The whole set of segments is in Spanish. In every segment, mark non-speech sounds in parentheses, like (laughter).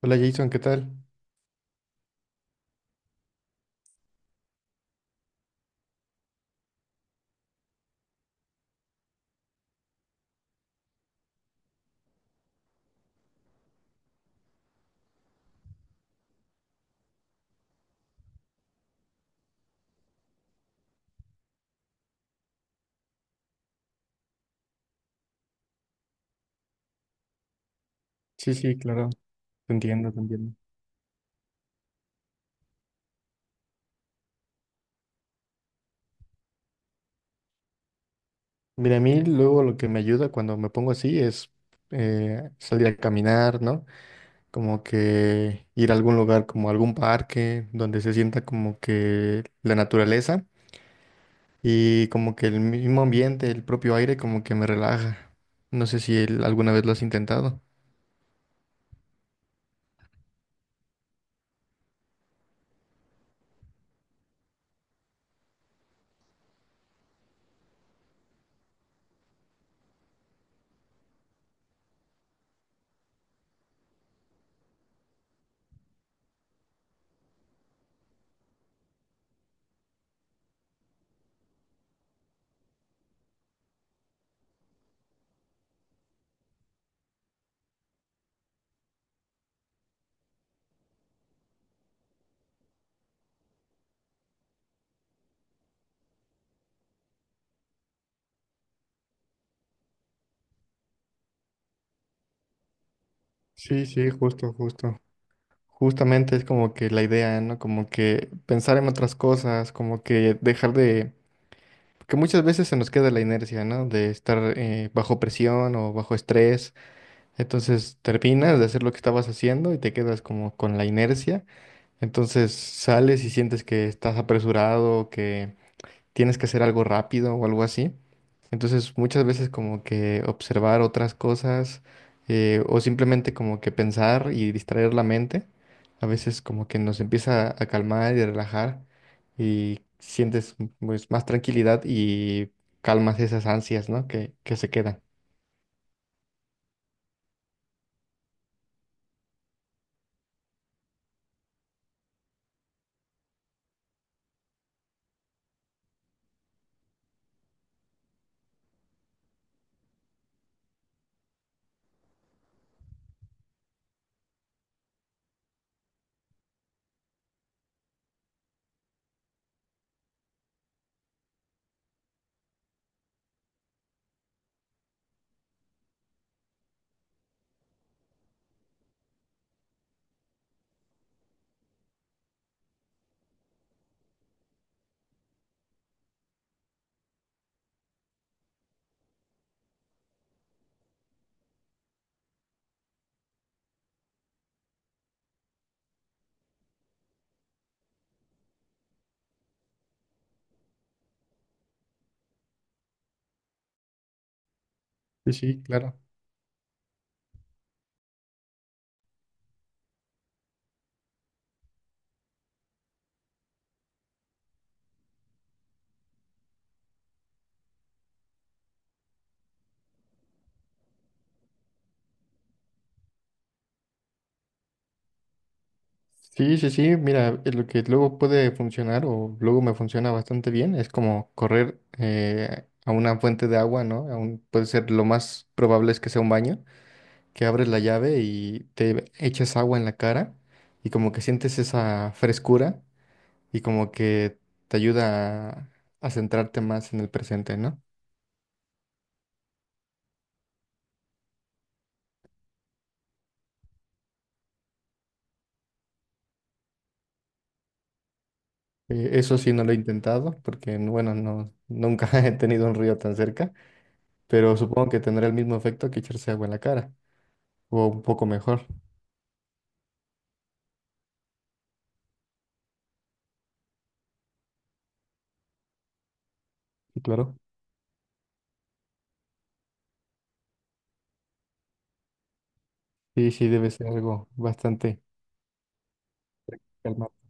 Hola Jason, ¿qué tal? Sí, sí, claro, te entiendo, te entiendo. Mira, a mí luego lo que me ayuda cuando me pongo así es salir a caminar, ¿no? Como que ir a algún lugar, como algún parque, donde se sienta como que la naturaleza y como que el mismo ambiente, el propio aire, como que me relaja. No sé si alguna vez lo has intentado. Sí, sí, justo, justo. Justamente es como que la idea, ¿no? Como que pensar en otras cosas, como que dejar de que muchas veces se nos queda la inercia, ¿no? De estar bajo presión o bajo estrés. Entonces terminas de hacer lo que estabas haciendo y te quedas como con la inercia. Entonces sales y sientes que estás apresurado, que tienes que hacer algo rápido o algo así. Entonces muchas veces como que observar otras cosas o simplemente como que pensar y distraer la mente a veces como que nos empieza a calmar y a relajar y sientes pues, más tranquilidad y calmas esas ansias, ¿no? Que se quedan. Sí, sí, claro. Sí, sí, sí, mira, lo que luego puede funcionar o luego me funciona bastante bien es como correr a una fuente de agua, ¿no? Puede ser lo más probable es que sea un baño, que abres la llave y te echas agua en la cara y como que sientes esa frescura y como que te ayuda a centrarte más en el presente, ¿no? Eso sí no lo he intentado porque, bueno, no, nunca (laughs) he tenido un río tan cerca, pero supongo que tendrá el mismo efecto que echarse agua en la cara o un poco mejor, sí, claro. Sí, sí, debe ser algo bastante calmante.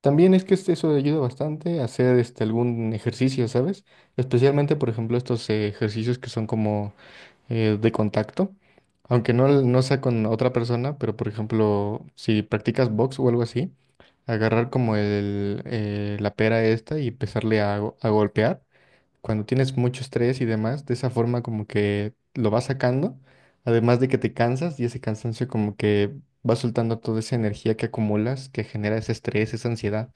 También es que eso ayuda bastante a hacer este, algún ejercicio, ¿sabes? Especialmente, por ejemplo, estos ejercicios que son como de contacto, aunque no, no sea con otra persona, pero por ejemplo, si practicas box o algo así, agarrar como el, la pera esta y empezarle a, a golpear. Cuando tienes mucho estrés y demás, de esa forma como que lo vas sacando, además de que te cansas y ese cansancio como que va soltando toda esa energía que acumulas, que genera ese estrés, esa ansiedad,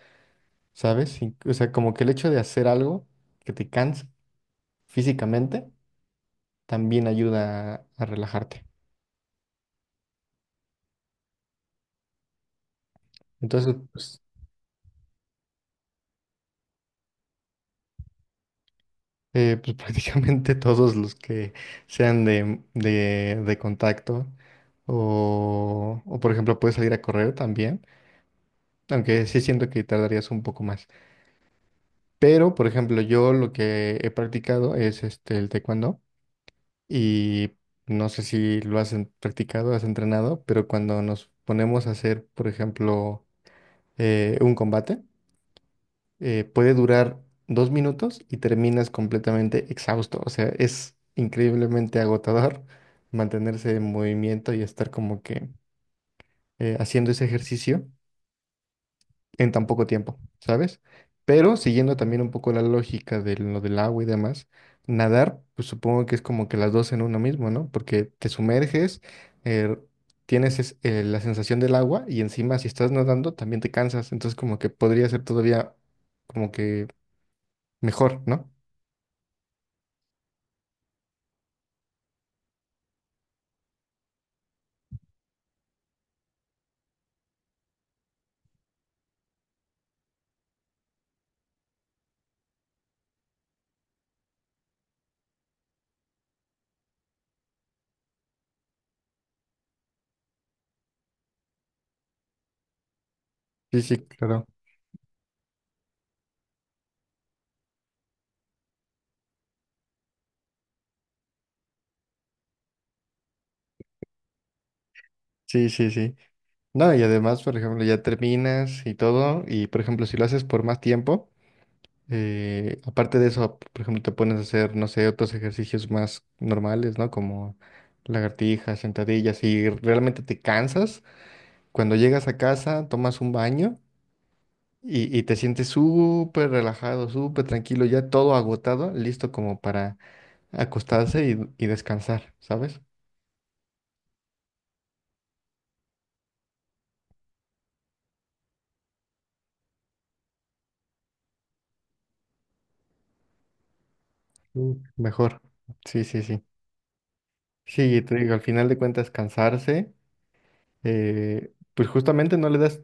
¿sabes? Y- o sea, como que el hecho de hacer algo que te cansa físicamente también ayuda a relajarte. Entonces, pues, pues (laughs) prácticamente todos los que sean de, de contacto o, por ejemplo, puedes salir a correr también, aunque sí siento que tardarías un poco más. Pero, por ejemplo, yo lo que he practicado es este, el taekwondo y no sé si lo has practicado, has entrenado, pero cuando nos ponemos a hacer, por ejemplo, un combate, puede durar 2 minutos y terminas completamente exhausto. O sea, es increíblemente agotador (laughs) mantenerse en movimiento y estar como que haciendo ese ejercicio en tan poco tiempo, ¿sabes? Pero siguiendo también un poco la lógica de lo del agua y demás, nadar, pues supongo que es como que las dos en uno mismo, ¿no? Porque te sumerges, eh, tienes la sensación del agua y encima si estás nadando también te cansas, entonces como que podría ser todavía como que mejor, ¿no? Sí, sí, claro. Sí, sí, sí. No, y además, por ejemplo, ya terminas y todo, y por ejemplo, si lo haces por más tiempo, aparte de eso, por ejemplo, te pones a hacer, no sé, otros ejercicios más normales, ¿no? Como lagartijas, sentadillas, y realmente te cansas. Cuando llegas a casa, tomas un baño y te sientes súper relajado, súper tranquilo, ya todo agotado, listo como para acostarse y descansar, ¿sabes? Mm. Mejor. Sí, sí, sí. Sí, te digo, al final de cuentas cansarse, pues justamente no le das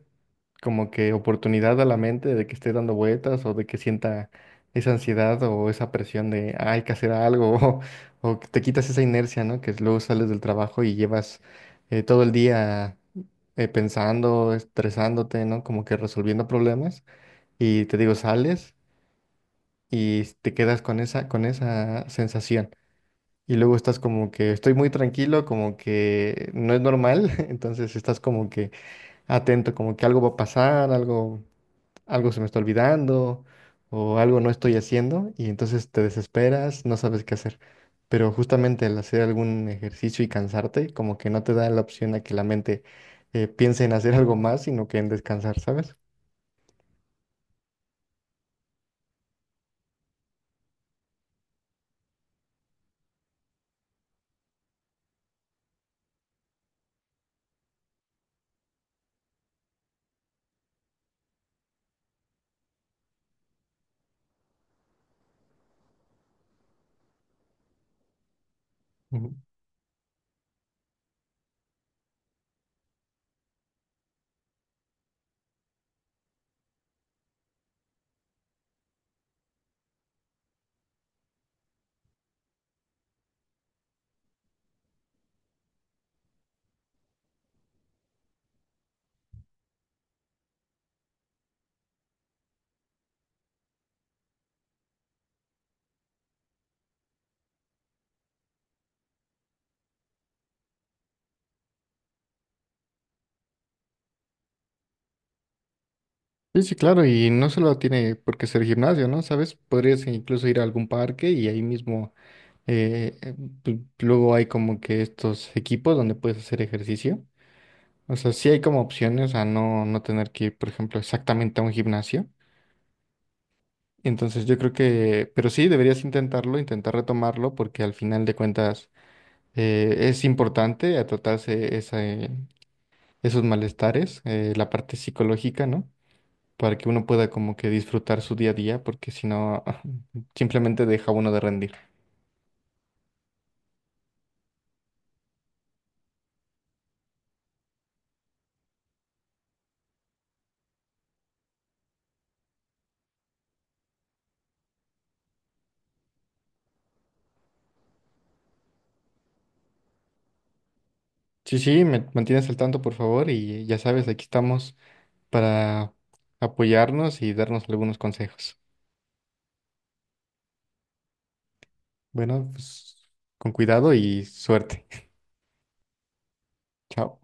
como que oportunidad a la mente de que esté dando vueltas o de que sienta esa ansiedad o esa presión de "Ah, hay que hacer algo (laughs) o que te quitas esa inercia, ¿no? Que luego sales del trabajo y llevas todo el día pensando, estresándote, ¿no? Como que resolviendo problemas y te digo, sales y te quedas con esa sensación. Y luego estás como que estoy muy tranquilo, como que no es normal, (laughs) entonces estás como que atento, como que algo va a pasar, algo, algo se me está olvidando o algo no estoy haciendo y entonces te desesperas, no sabes qué hacer. Pero justamente al hacer algún ejercicio y cansarte, como que no te da la opción a que la mente piense en hacer algo más, sino que en descansar, ¿sabes? Ujú. Sí, sí, claro, y no solo tiene por qué ser gimnasio, ¿no? ¿Sabes? Podrías incluso ir a algún parque y ahí mismo Eh, eh, luego hay como que estos equipos donde puedes hacer ejercicio. O sea, sí hay como opciones a no, no tener que ir, por ejemplo, exactamente a un gimnasio. Entonces yo creo que, pero sí, deberías intentarlo, intentar retomarlo, porque al final de cuentas es importante a tratarse esos malestares, la parte psicológica, ¿no? Para que uno pueda como que disfrutar su día a día, porque si no, (laughs) simplemente deja uno de rendir. Sí, sí, me mantienes al tanto, por favor, y ya sabes, aquí estamos para apoyarnos y darnos algunos consejos. Bueno, pues con cuidado y suerte. (laughs) Chao.